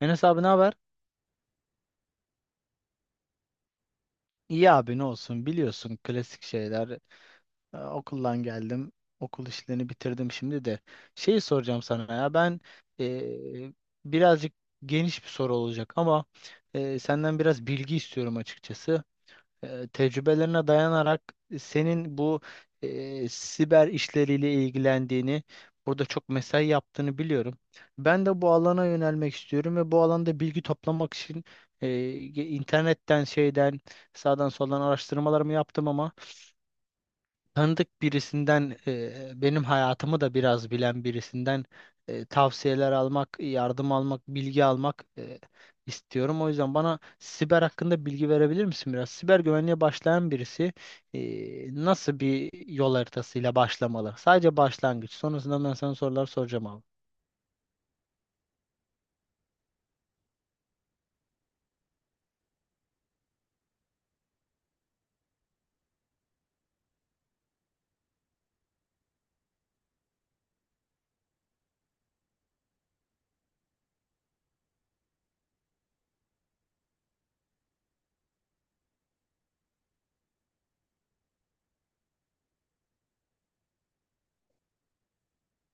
Enes abi, ne haber? İyi abi, ne olsun, biliyorsun klasik şeyler. Okuldan geldim. Okul işlerini bitirdim şimdi de. Şeyi soracağım sana ya ben, ee, birazcık geniş bir soru olacak ama senden biraz bilgi istiyorum açıkçası. Tecrübelerine dayanarak senin bu siber işleriyle ilgilendiğini, burada çok mesai yaptığını biliyorum. Ben de bu alana yönelmek istiyorum ve bu alanda bilgi toplamak için e, internetten şeyden sağdan soldan araştırmalarımı yaptım ama tanıdık birisinden, benim hayatımı da biraz bilen birisinden tavsiyeler almak, yardım almak, bilgi almak istiyorum. O yüzden bana siber hakkında bilgi verebilir misin biraz? Siber güvenliğe başlayan birisi nasıl bir yol haritasıyla başlamalı? Sadece başlangıç. Sonrasında ben sana sorular soracağım abi.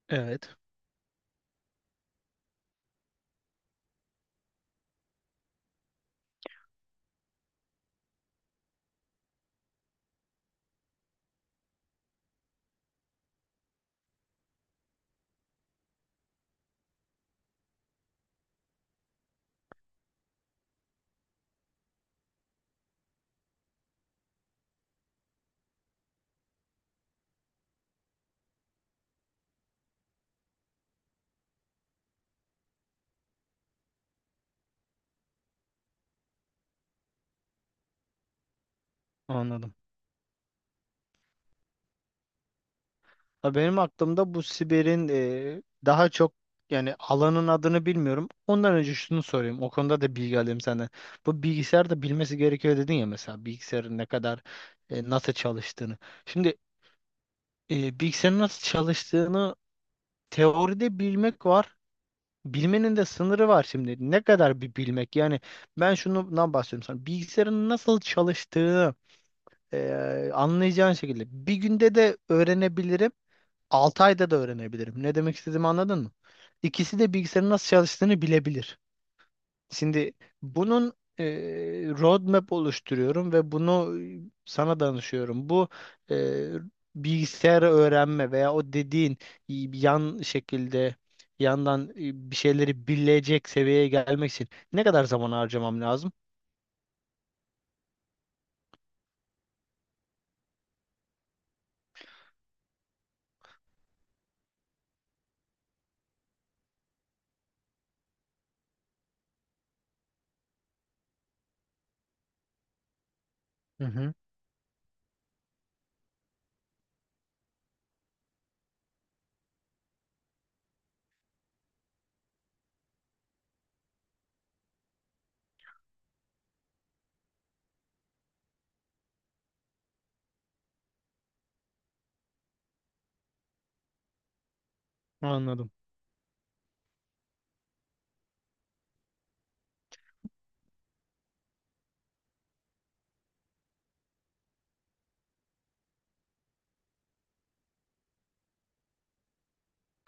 Evet, anladım. Ha, benim aklımda bu Siber'in daha çok, yani alanın adını bilmiyorum. Ondan önce şunu sorayım. O konuda da bilgi alayım senden. Bu bilgisayar da bilmesi gerekiyor dedin ya, mesela bilgisayarın ne kadar, nasıl çalıştığını. Şimdi bilgisayarın nasıl çalıştığını teoride bilmek var. Bilmenin de sınırı var şimdi. Ne kadar bir bilmek? Yani ben şundan bahsediyorum sana. Bilgisayarın nasıl çalıştığını anlayacağın şekilde bir günde de öğrenebilirim. 6 ayda da öğrenebilirim. Ne demek istediğimi anladın mı? İkisi de bilgisayarın nasıl çalıştığını bilebilir. Şimdi bunun roadmap oluşturuyorum ve bunu sana danışıyorum. Bu e, bilgisayarı öğrenme veya o dediğin yan şekilde, yandan bir şeyleri bilecek seviyeye gelmek için ne kadar zaman harcamam lazım? Hı hı. Anladım.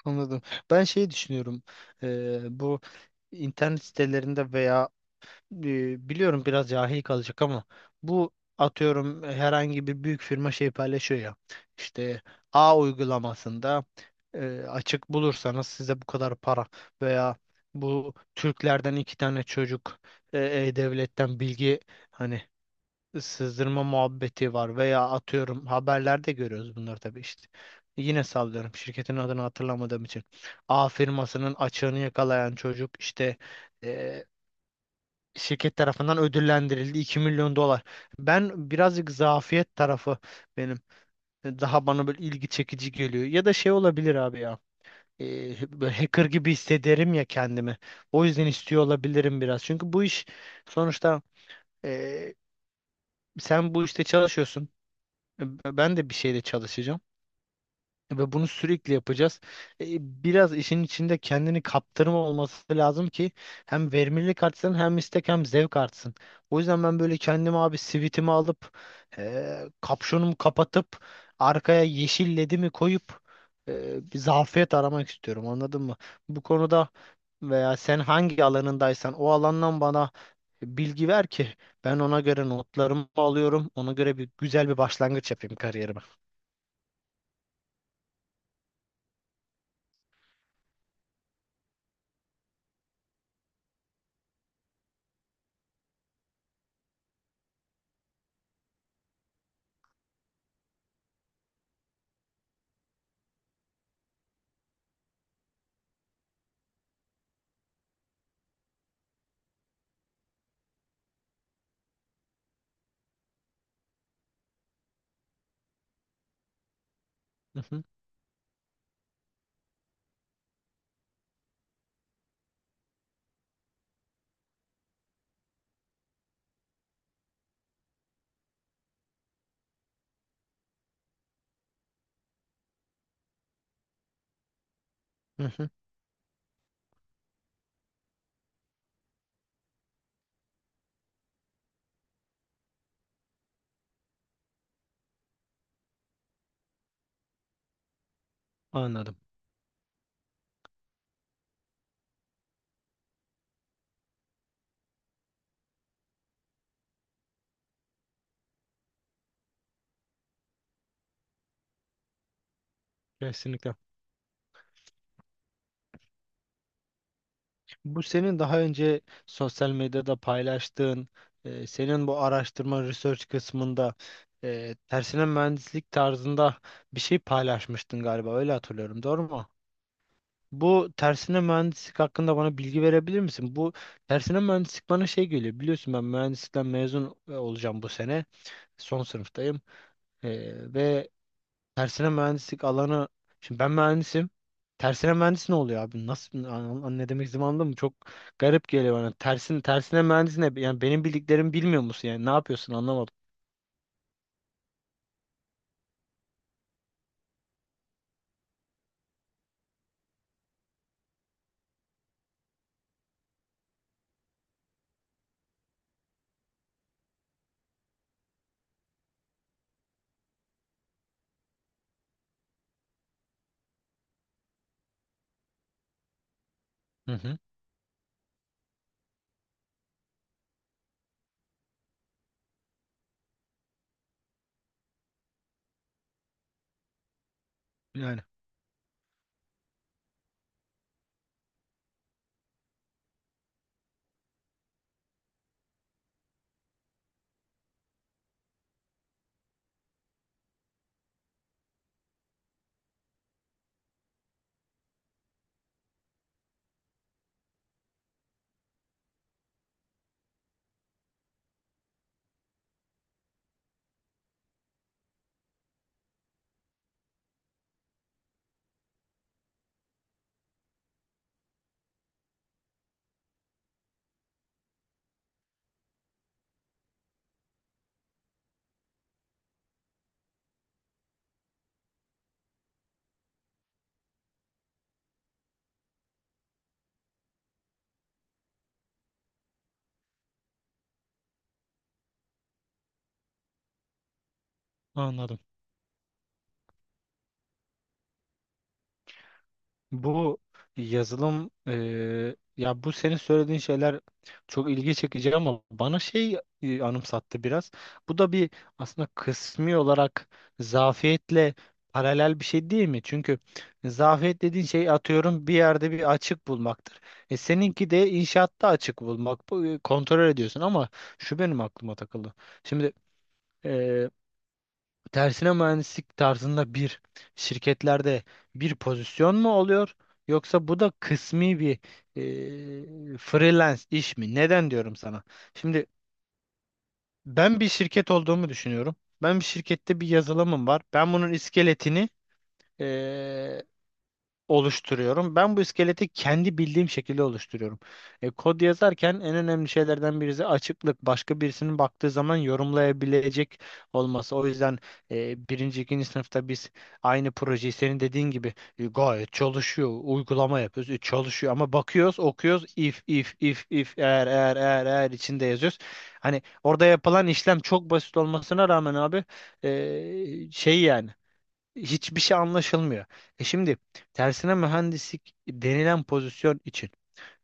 Anladım. Ben şey düşünüyorum. Bu internet sitelerinde veya, biliyorum biraz cahil kalacak ama, bu atıyorum herhangi bir büyük firma şey paylaşıyor ya, işte A uygulamasında açık bulursanız size bu kadar para veya bu Türklerden iki tane çocuk e, e-devletten bilgi, hani sızdırma muhabbeti var veya atıyorum haberlerde görüyoruz bunları tabii işte. Yine sallıyorum şirketin adını hatırlamadığım için. A firmasının açığını yakalayan çocuk işte şirket tarafından ödüllendirildi 2 milyon dolar. Ben birazcık zafiyet tarafı, benim daha bana böyle ilgi çekici geliyor. Ya da şey olabilir abi ya. Böyle hacker gibi hissederim ya kendimi. O yüzden istiyor olabilirim biraz. Çünkü bu iş sonuçta, e, sen bu işte çalışıyorsun. E, ben de bir şeyde çalışacağım. Ve bunu sürekli yapacağız. E, Biraz işin içinde kendini kaptırma olması lazım ki hem verimlilik artsın, hem istek, hem zevk artsın. O yüzden ben böyle kendimi abi sivitimi alıp kapşonumu kapatıp arkaya yeşil ledimi koyup bir zafiyet aramak istiyorum, anladın mı? Bu konuda veya sen hangi alanındaysan o alandan bana bilgi ver ki ben ona göre notlarımı alıyorum. Ona göre bir güzel bir başlangıç yapayım kariyerime. Hı hı, hı hı, anladım. Kesinlikle. Bu senin daha önce sosyal medyada paylaştığın, senin bu araştırma research kısmında tersine mühendislik tarzında bir şey paylaşmıştın galiba. Öyle hatırlıyorum. Doğru mu? Bu tersine mühendislik hakkında bana bilgi verebilir misin? Bu tersine mühendislik bana şey geliyor. Biliyorsun ben mühendislikten mezun olacağım bu sene. Son sınıftayım. E, ve tersine mühendislik alanı. Şimdi ben mühendisim. Tersine mühendis ne oluyor abi? Nasıl ne demek istediğimi anladın mı? Çok garip geliyor bana. Tersine mühendis ne? Yani benim bildiklerimi bilmiyor musun yani? Ne yapıyorsun, anlamadım. Hı hı. Yani anladım. Bu yazılım, ya bu senin söylediğin şeyler çok ilgi çekici ama bana şey anımsattı biraz. Bu da bir, aslında kısmi olarak zafiyetle paralel bir şey değil mi? Çünkü zafiyet dediğin şey atıyorum bir yerde bir açık bulmaktır. E seninki de inşaatta açık bulmak. Bu, kontrol ediyorsun ama şu benim aklıma takıldı. Şimdi tersine mühendislik tarzında bir, şirketlerde bir pozisyon mu oluyor, yoksa bu da kısmi bir freelance iş mi? Neden diyorum sana? Şimdi ben bir şirket olduğumu düşünüyorum. Ben bir şirkette bir yazılımım var. Ben bunun iskeletini oluşturuyorum. Ben bu iskeleti kendi bildiğim şekilde oluşturuyorum. E, kod yazarken en önemli şeylerden birisi açıklık. Başka birisinin baktığı zaman yorumlayabilecek olması. O yüzden birinci, ikinci sınıfta biz aynı projeyi senin dediğin gibi, gayet çalışıyor, uygulama yapıyoruz, çalışıyor ama bakıyoruz, okuyoruz, if, if, if, if, eğer, eğer, eğer, eğer içinde yazıyoruz. Hani orada yapılan işlem çok basit olmasına rağmen abi, şey yani hiçbir şey anlaşılmıyor. E şimdi tersine mühendislik denilen pozisyon için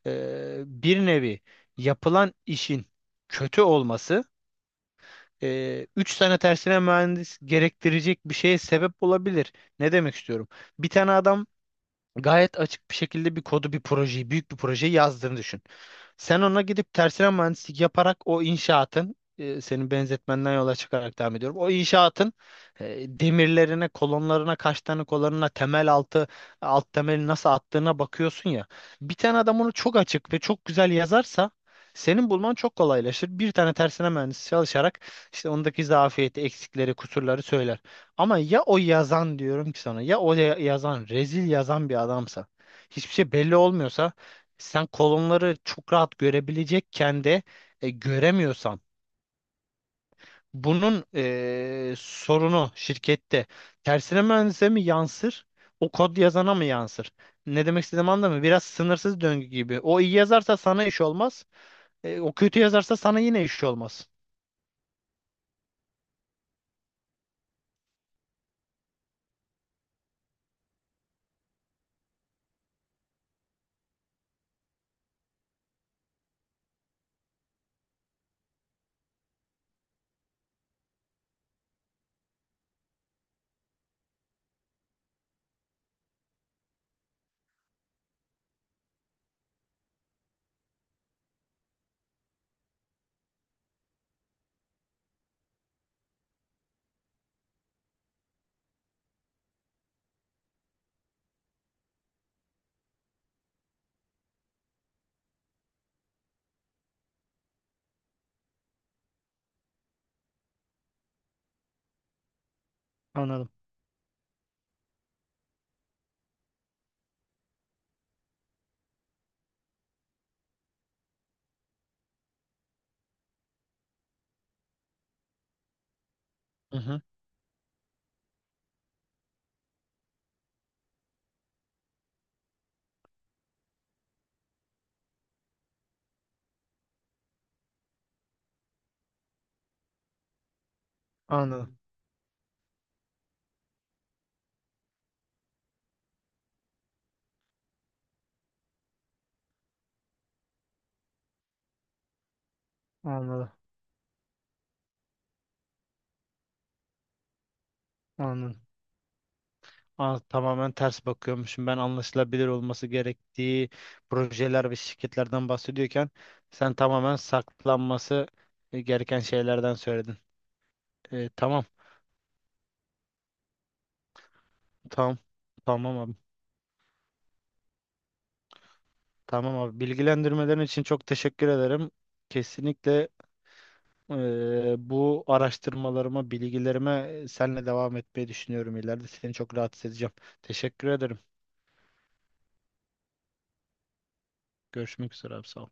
bir nevi yapılan işin kötü olması üç tane tersine mühendis gerektirecek bir şeye sebep olabilir. Ne demek istiyorum? Bir tane adam gayet açık bir şekilde bir kodu, bir projeyi, büyük bir projeyi yazdığını düşün. Sen ona gidip tersine mühendislik yaparak o inşaatın, senin benzetmenden yola çıkarak devam ediyorum. O inşaatın demirlerine, kolonlarına, kaç tane kolonuna, temel altı, alt temeli nasıl attığına bakıyorsun ya. Bir tane adam onu çok açık ve çok güzel yazarsa senin bulman çok kolaylaşır. Bir tane tersine mühendis çalışarak işte ondaki zafiyeti, eksikleri, kusurları söyler. Ama ya o yazan, diyorum ki sana, ya yazan rezil yazan bir adamsa, hiçbir şey belli olmuyorsa, sen kolonları çok rahat görebilecekken de göremiyorsan bunun sorunu şirkette tersine mühendise mi yansır, o kod yazana mı yansır? Ne demek istediğimi anladın mı? Biraz sınırsız döngü gibi. O iyi yazarsa sana iş olmaz. O kötü yazarsa sana yine iş olmaz. Anladım. Hı hı. Anladım. Anladım. Anladım. Aa, tamamen ters bakıyormuşum. Ben anlaşılabilir olması gerektiği projeler ve şirketlerden bahsediyorken sen tamamen saklanması gereken şeylerden söyledin. E, tamam, tamam, tamam abi. Tamam abi. Bilgilendirmelerin için çok teşekkür ederim. Kesinlikle bu araştırmalarıma, bilgilerime senle devam etmeyi düşünüyorum ileride. Seni çok rahatsız edeceğim. Teşekkür ederim. Görüşmek üzere abi. Sağ ol.